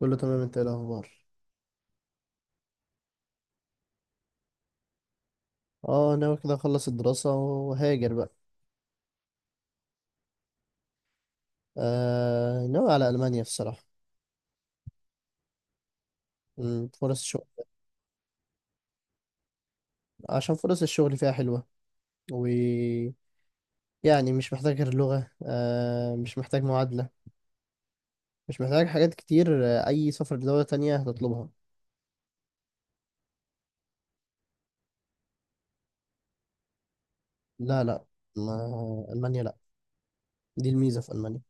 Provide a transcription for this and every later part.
كله تمام. انت ايه الاخبار؟ اه ناوي كده اخلص الدراسة وهاجر بقى. ناوي على المانيا الصراحة. فرص الشغل. عشان فرص الشغل فيها حلوة، و يعني مش محتاج غير لغة، مش محتاج معادلة، مش محتاج حاجات كتير. اي سفر لدولة تانية هتطلبها. لا لا، ما المانيا لا، دي الميزة في المانيا.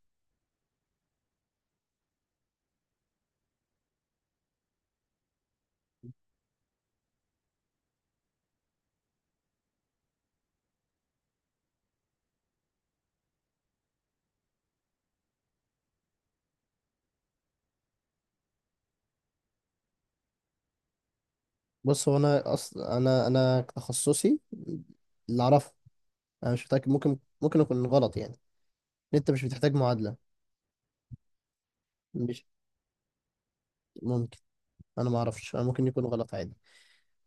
بص، هو انا اصلا انا انا تخصصي اللي اعرفه، انا مش متأكد، ممكن اكون غلط يعني، ان انت مش بتحتاج معادلة. مش ممكن. انا ما اعرفش، انا ممكن يكون غلط عادي.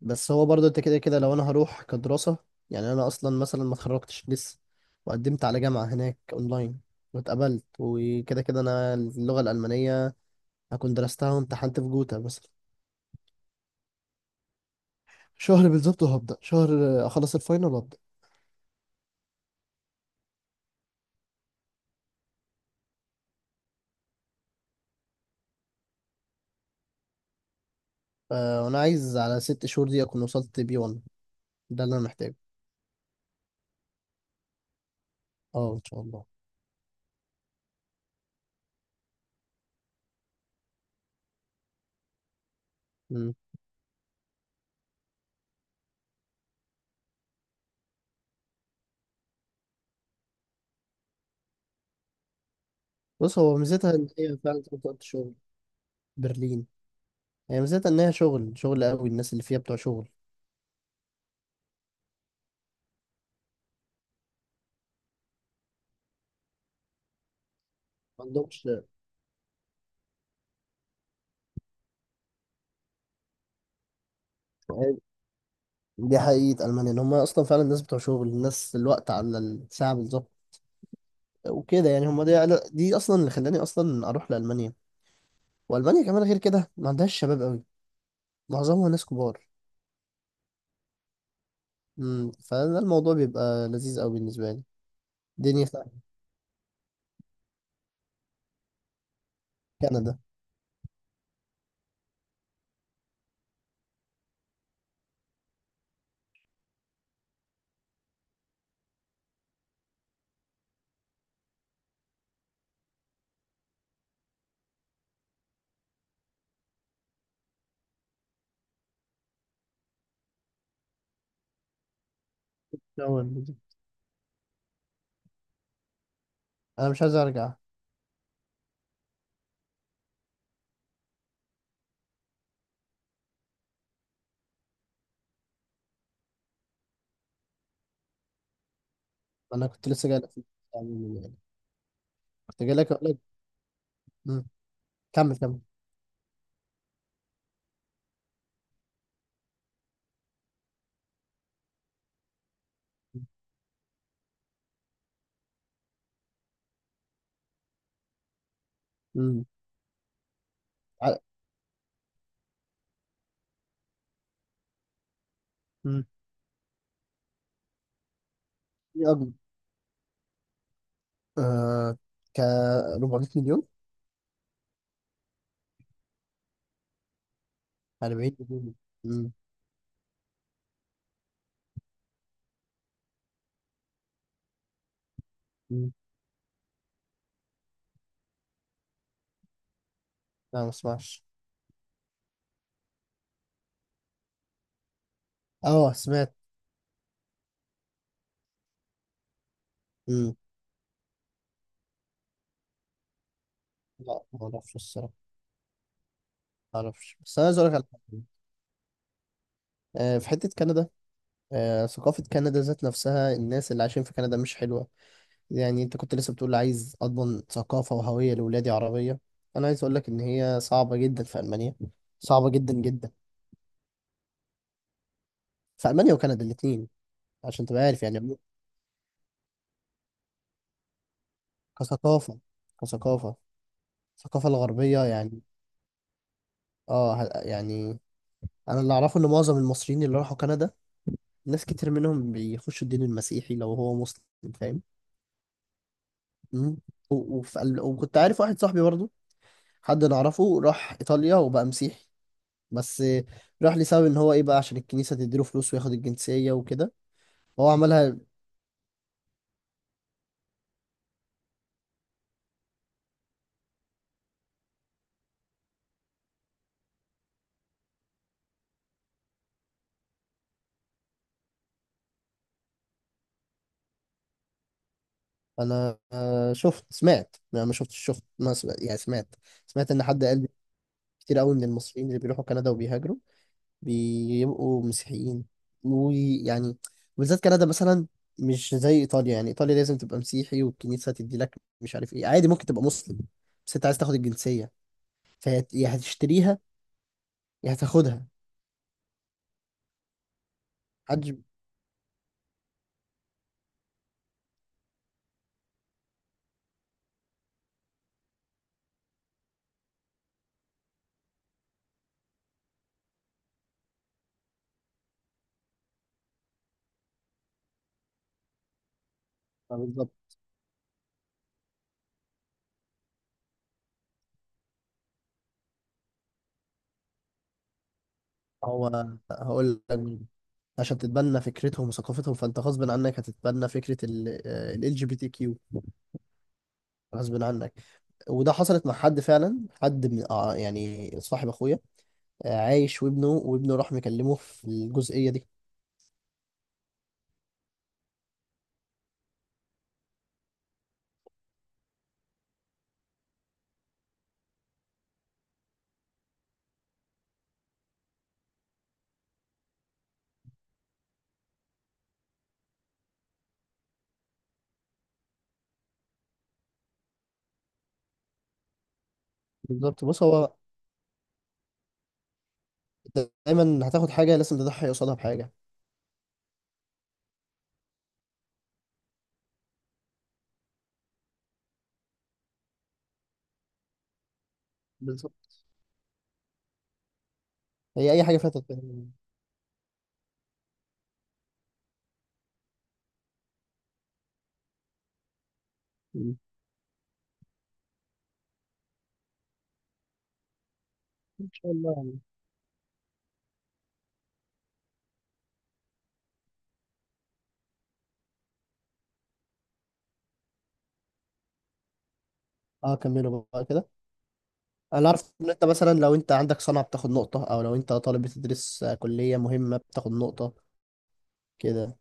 بس هو برضه انت كده كده لو انا هروح كدراسة، يعني انا اصلا مثلا ما اتخرجتش لسه، وقدمت على جامعة هناك اونلاين واتقبلت، وكده كده انا اللغة الألمانية هكون درستها وامتحنت في جوتا مثلا. شهر بالظبط وهبدأ شهر. اخلص الفاينل وابدأ. وانا عايز على 6 شهور دي اكون وصلت بي 1، ده اللي انا محتاجه. اه ان شاء الله. مم. بص، هو ميزتها ان هي فعلا زي ما أنت قلت شغل. برلين. هي ميزتها ان هي شغل، شغل قوي، الناس اللي فيها بتوع شغل. ما عندهمش. دي حقيقة ألمانيا، إن هم أصلا فعلا الناس بتوع شغل، الناس الوقت على الساعة بالظبط وكده. يعني هم دي، دي أصلا اللي خلاني أصلا أروح لألمانيا. وألمانيا كمان غير كده ما عندهاش شباب أوي، معظمها ناس كبار. امم. فده الموضوع بيبقى لذيذ أوي بالنسبة لي. دنيا سهلة. كندا. أول دي. أنا مش عايز أرجع. أنا كنت لسه جاي لك في البتاع. كنت جاي لك أقول لك. أمم، كمل كمل. امم ع- امم. إيه أكبر؟ آه ك 400 مليون. 40 مليون. امم. امم. لا، ما اسمعش. اه، سمعت. امم. لا، ما اعرفش الصراحه. ما اعرفش، بس انا عايز اقول لك على حاجه. في حته كندا، ثقافه كندا ذات نفسها، الناس اللي عايشين في كندا مش حلوه. يعني انت كنت لسه بتقول عايز اضمن ثقافه وهويه لاولادي عربيه. انا عايز اقول لك ان هي صعبه جدا في المانيا، صعبه جدا جدا. في المانيا وكندا الاثنين، عشان تبقى عارف يعني. كثقافه كثقافه. الثقافه الغربيه يعني. اه يعني. انا اللي اعرفه ان معظم المصريين اللي راحوا كندا، ناس كتير منهم بيخشوا الدين المسيحي لو هو مسلم. فاهم. مم. و- وف- وكنت عارف واحد صاحبي برضه، حد نعرفه راح إيطاليا وبقى مسيحي. بس راح لسبب ان هو ايه بقى، عشان الكنيسة تديله فلوس وياخد الجنسية وكده. هو عملها. انا شفت، سمعت، انا ما شفتش، شفت، ما سمعت يعني، سمعت. سمعت ان حد قال كتير قوي من المصريين اللي بيروحوا كندا وبيهاجروا بيبقوا مسيحيين. ويعني بالذات كندا مثلا، مش زي ايطاليا. يعني ايطاليا لازم تبقى مسيحي والكنيسه تدي لك مش عارف ايه. عادي ممكن تبقى مسلم، بس انت عايز تاخد الجنسيه، فيا يا هتشتريها يا هتاخدها. محدش. آه بالظبط. هو هقول لك مين. عشان تتبنى فكرتهم وثقافتهم فانت غصب عنك هتتبنى فكره ال جي بي تي كيو، غصب عنك. وده حصلت مع حد فعلا، حد من يعني صاحب اخويا، عايش، وابنه راح مكلمه في الجزئيه دي. بالظبط. بص، هو دايما هتاخد حاجة لازم تضحي قصادها بحاجة. بالظبط. هي أي حاجة فيها تضحية. مم. إن شاء الله يعني. أه كملوا بقى كده. أنا عارف إن أنت مثلا لو أنت عندك صنعة بتاخد نقطة، أو لو أنت طالب بتدرس كلية مهمة بتاخد نقطة. كده.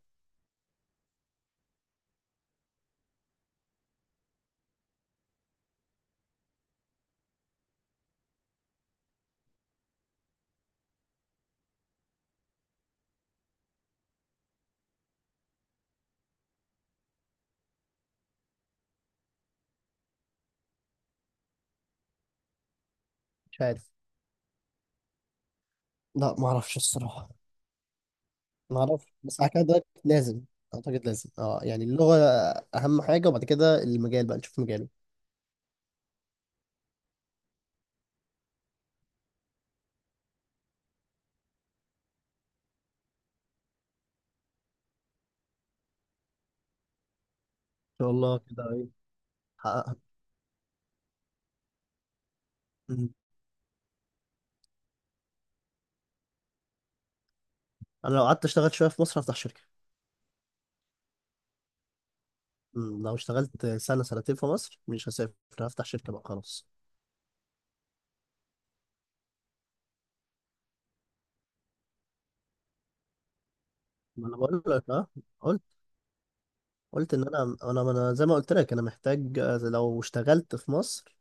مش عارف. لا ما أعرفش الصراحة. ما أعرفش، بس على كده ده لازم، أعتقد لازم، أه يعني اللغة أهم حاجة، وبعد كده المجال بقى نشوف مجاله إن شاء الله كده إيه، حققها. مم. أنا لو قعدت أشتغل شوية في مصر هفتح شركة. مم، لو اشتغلت سنة سنتين في مصر مش هسافر، هفتح شركة بقى خلاص. ما انا بقول لك اه. قلت قلت ان انا زي ما قلت لك انا محتاج، لو اشتغلت في مصر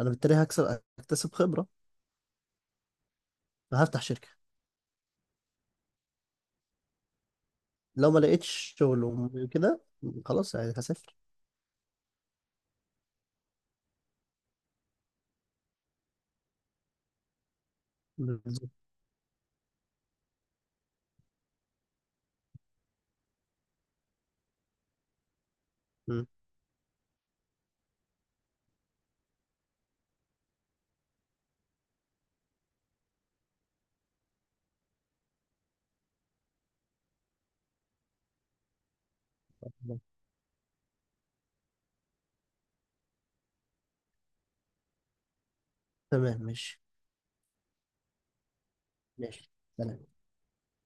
انا بالتالي هكسب، اكتسب خبرة، فهفتح شركة. لو ما لقيتش شغل وكده خلاص يعني هسافر. بالظبط. مم. تمام ماشي. ماشي، سلام.